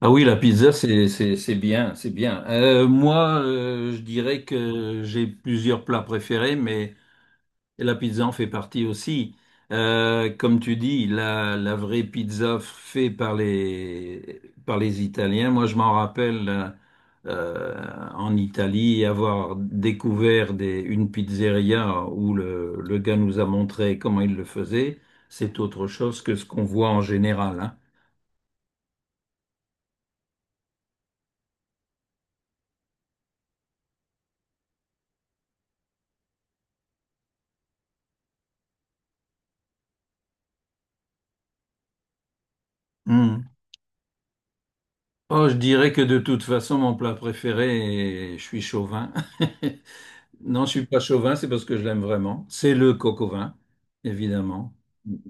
Ah oui, la pizza, c'est bien, c'est bien. Moi, je dirais que j'ai plusieurs plats préférés, mais la pizza en fait partie aussi. Comme tu dis, la vraie pizza faite par par les Italiens. Moi, je m'en rappelle en Italie avoir découvert une pizzeria où le gars nous a montré comment il le faisait. C'est autre chose que ce qu'on voit en général, hein. Oh, je dirais que de toute façon, mon plat préféré, et je suis chauvin. Non, je suis pas chauvin, c'est parce que je l'aime vraiment. C'est le coq au vin, évidemment.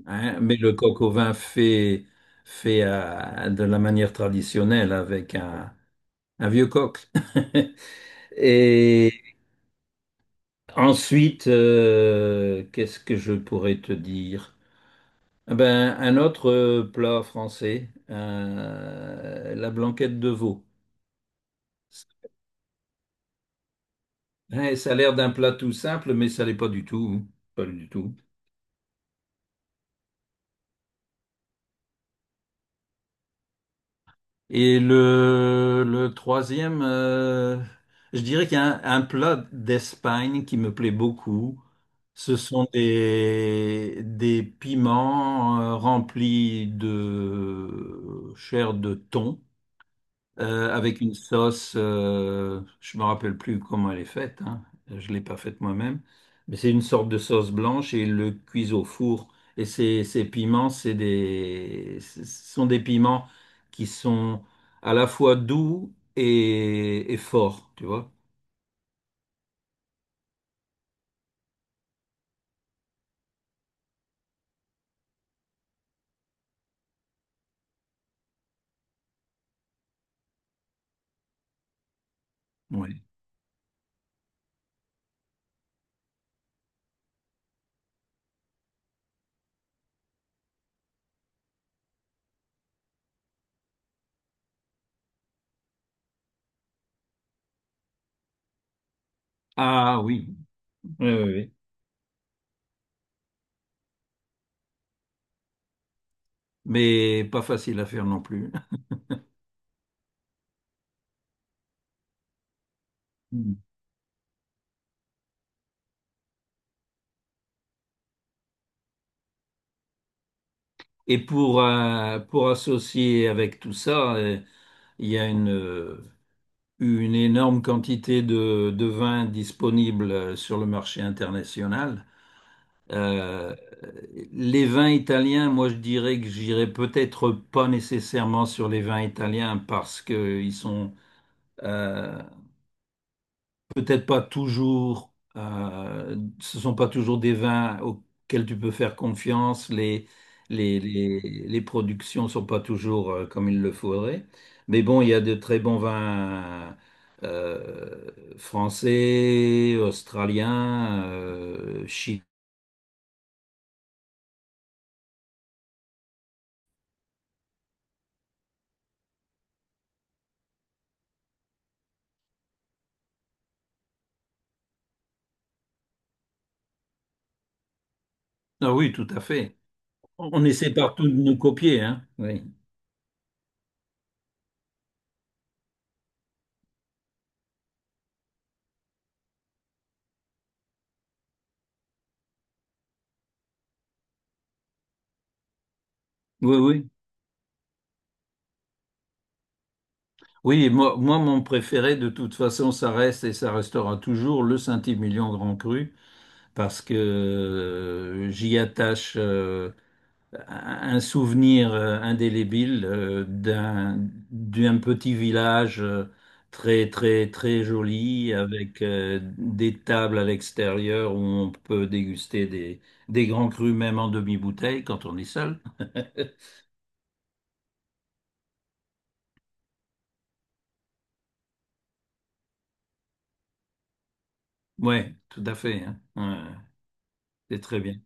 Hein, mais le coq au vin fait, fait de la manière traditionnelle avec un vieux coq. Et ensuite, qu'est-ce que je pourrais te dire? Ah ben, un autre plat français, la blanquette de veau. Ouais, ça a l'air d'un plat tout simple, mais ça l'est pas du tout. Hein. Pas du tout. Et le troisième, je dirais qu'il y a un plat d'Espagne qui me plaît beaucoup. Ce sont des piments remplis de chair de thon. Avec une sauce, je me rappelle plus comment elle est faite, hein. Je l'ai pas faite moi-même, mais c'est une sorte de sauce blanche et ils le cuisent au four. Et ces piments, ce sont des piments qui sont à la fois doux et forts, tu vois. Ouais. Ah oui. Oui, oui, oui. Mais pas facile à faire non plus. Mm. Et pour associer avec tout ça, il y a une énorme quantité de vins disponibles sur le marché international. Euh, les vins italiens, moi je dirais que j'irais peut-être pas nécessairement sur les vins italiens parce qu'ils sont euh, peut-être pas toujours, ce sont pas toujours des vins auxquels tu peux faire confiance. Les, les, les productions sont pas toujours comme il le faudrait. Mais bon, il y a de très bons vins euh, français, australiens, Ah oui, tout à fait. On essaie partout de nous copier, hein. Oui, oui, oui. Oui, moi, mon préféré, de toute façon, ça reste et ça restera toujours le Saint-Émilion Grand Cru. Parce que j'y attache un souvenir indélébile d'un d'un petit village très très très joli avec des tables à l'extérieur où on peut déguster des grands crus même en demi-bouteille quand on est seul. Ouais, tout à fait. Hein. Ouais, c'est très bien.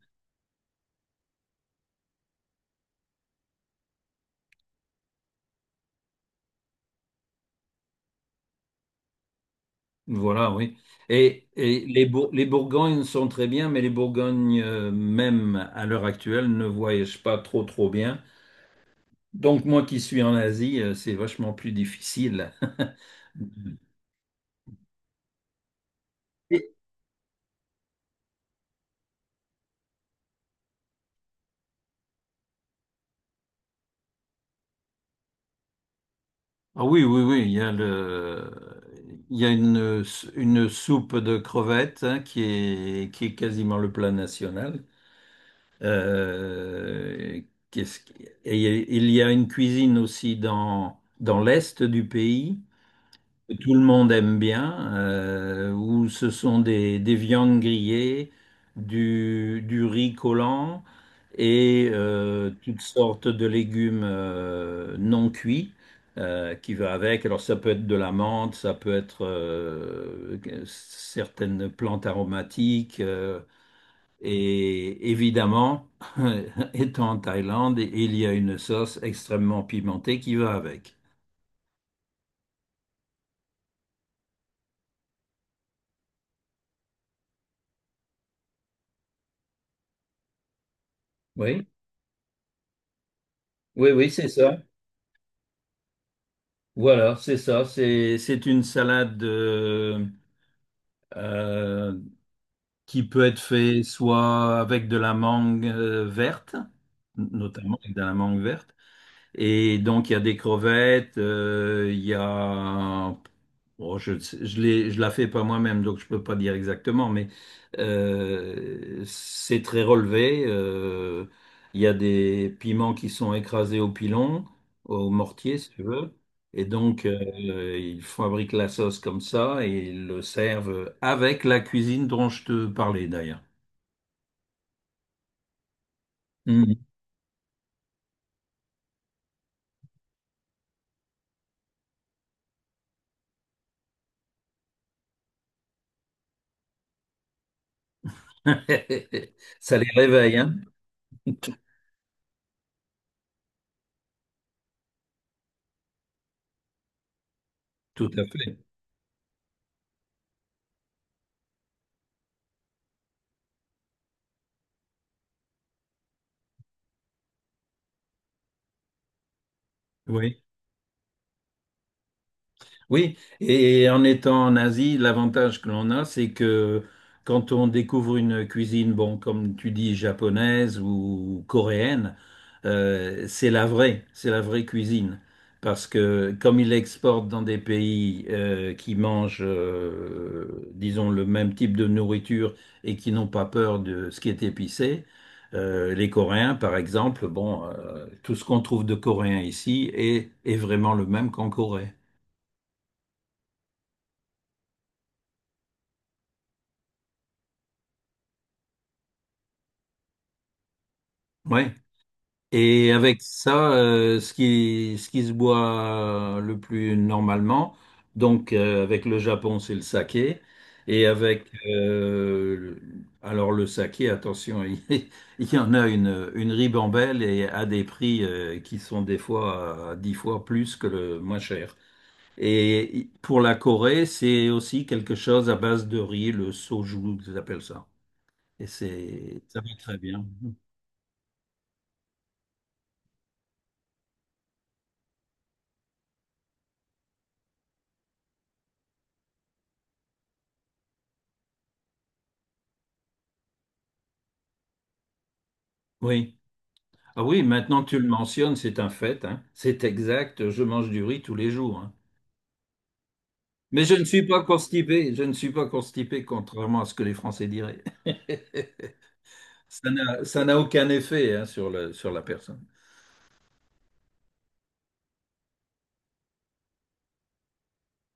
Voilà, oui. Et les, Bour- les Bourgognes sont très bien, mais les Bourgognes, même à l'heure actuelle, ne voyagent pas trop, trop bien. Donc, moi qui suis en Asie, c'est vachement plus difficile. Et- Ah oui, oui, oui, il y a le, il y a une soupe de crevettes hein, qui est quasiment le plat national. Euh, qu'est-ce qui- et il y a une cuisine aussi dans l'est du pays que tout le monde aime bien, où ce sont des viandes grillées, du riz collant et toutes sortes de légumes non cuits qui va avec. Alors ça peut être de la menthe, ça peut être certaines plantes aromatiques. Et évidemment, étant en Thaïlande, il y a une sauce extrêmement pimentée qui va avec. Oui, oui, oui, c'est ça. Voilà, c'est ça. C'est une salade euh, qui peut être faite soit avec de la mangue verte, notamment avec de la mangue verte, et donc, il y a des crevettes, il y a... Bon, je la fais pas moi-même, donc je peux pas dire exactement, mais c'est très relevé. Il y a des piments qui sont écrasés au pilon, au mortier, si tu veux. Et donc, ils fabriquent la sauce comme ça et ils le servent avec la cuisine dont je te parlais d'ailleurs. Mhm. Ça les réveille, hein? Tout à fait. Oui. Oui, et en étant en Asie, l'avantage que l'on a, c'est que quand on découvre une cuisine, bon, comme tu dis, japonaise ou coréenne, c'est la vraie cuisine. Parce que comme ils l'exportent dans des pays qui mangent, disons, le même type de nourriture et qui n'ont pas peur de ce qui est épicé, les Coréens, par exemple, bon, tout ce qu'on trouve de coréen ici est vraiment le même qu'en Corée. Oui. Et avec ça, ce qui se boit le plus normalement, donc avec le Japon, c'est le saké. Et avec, alors le saké, attention, il y en a une ribambelle et à des prix qui sont des fois à dix fois plus que le moins cher. Et pour la Corée, c'est aussi quelque chose à base de riz, le soju, ils appellent ça. Et c'est, ça va très bien. Oui. Ah oui, maintenant que tu le mentionnes, c'est un fait, hein. C'est exact, je mange du riz tous les jours, hein. Mais je ne suis pas constipé, je ne suis pas constipé, contrairement à ce que les Français diraient. Ça n'a aucun effet, hein, sur le, sur la personne.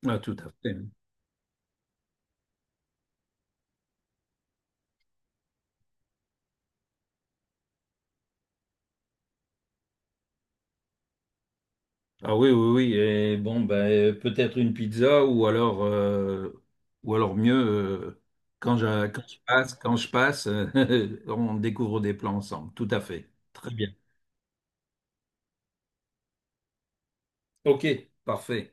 Ah, tout à fait. Ah oui, oui, oui. Et bon, ben, peut-être une pizza ou alors mieux, quand je passe, on découvre des plans ensemble. Tout à fait. Très bien. OK, parfait.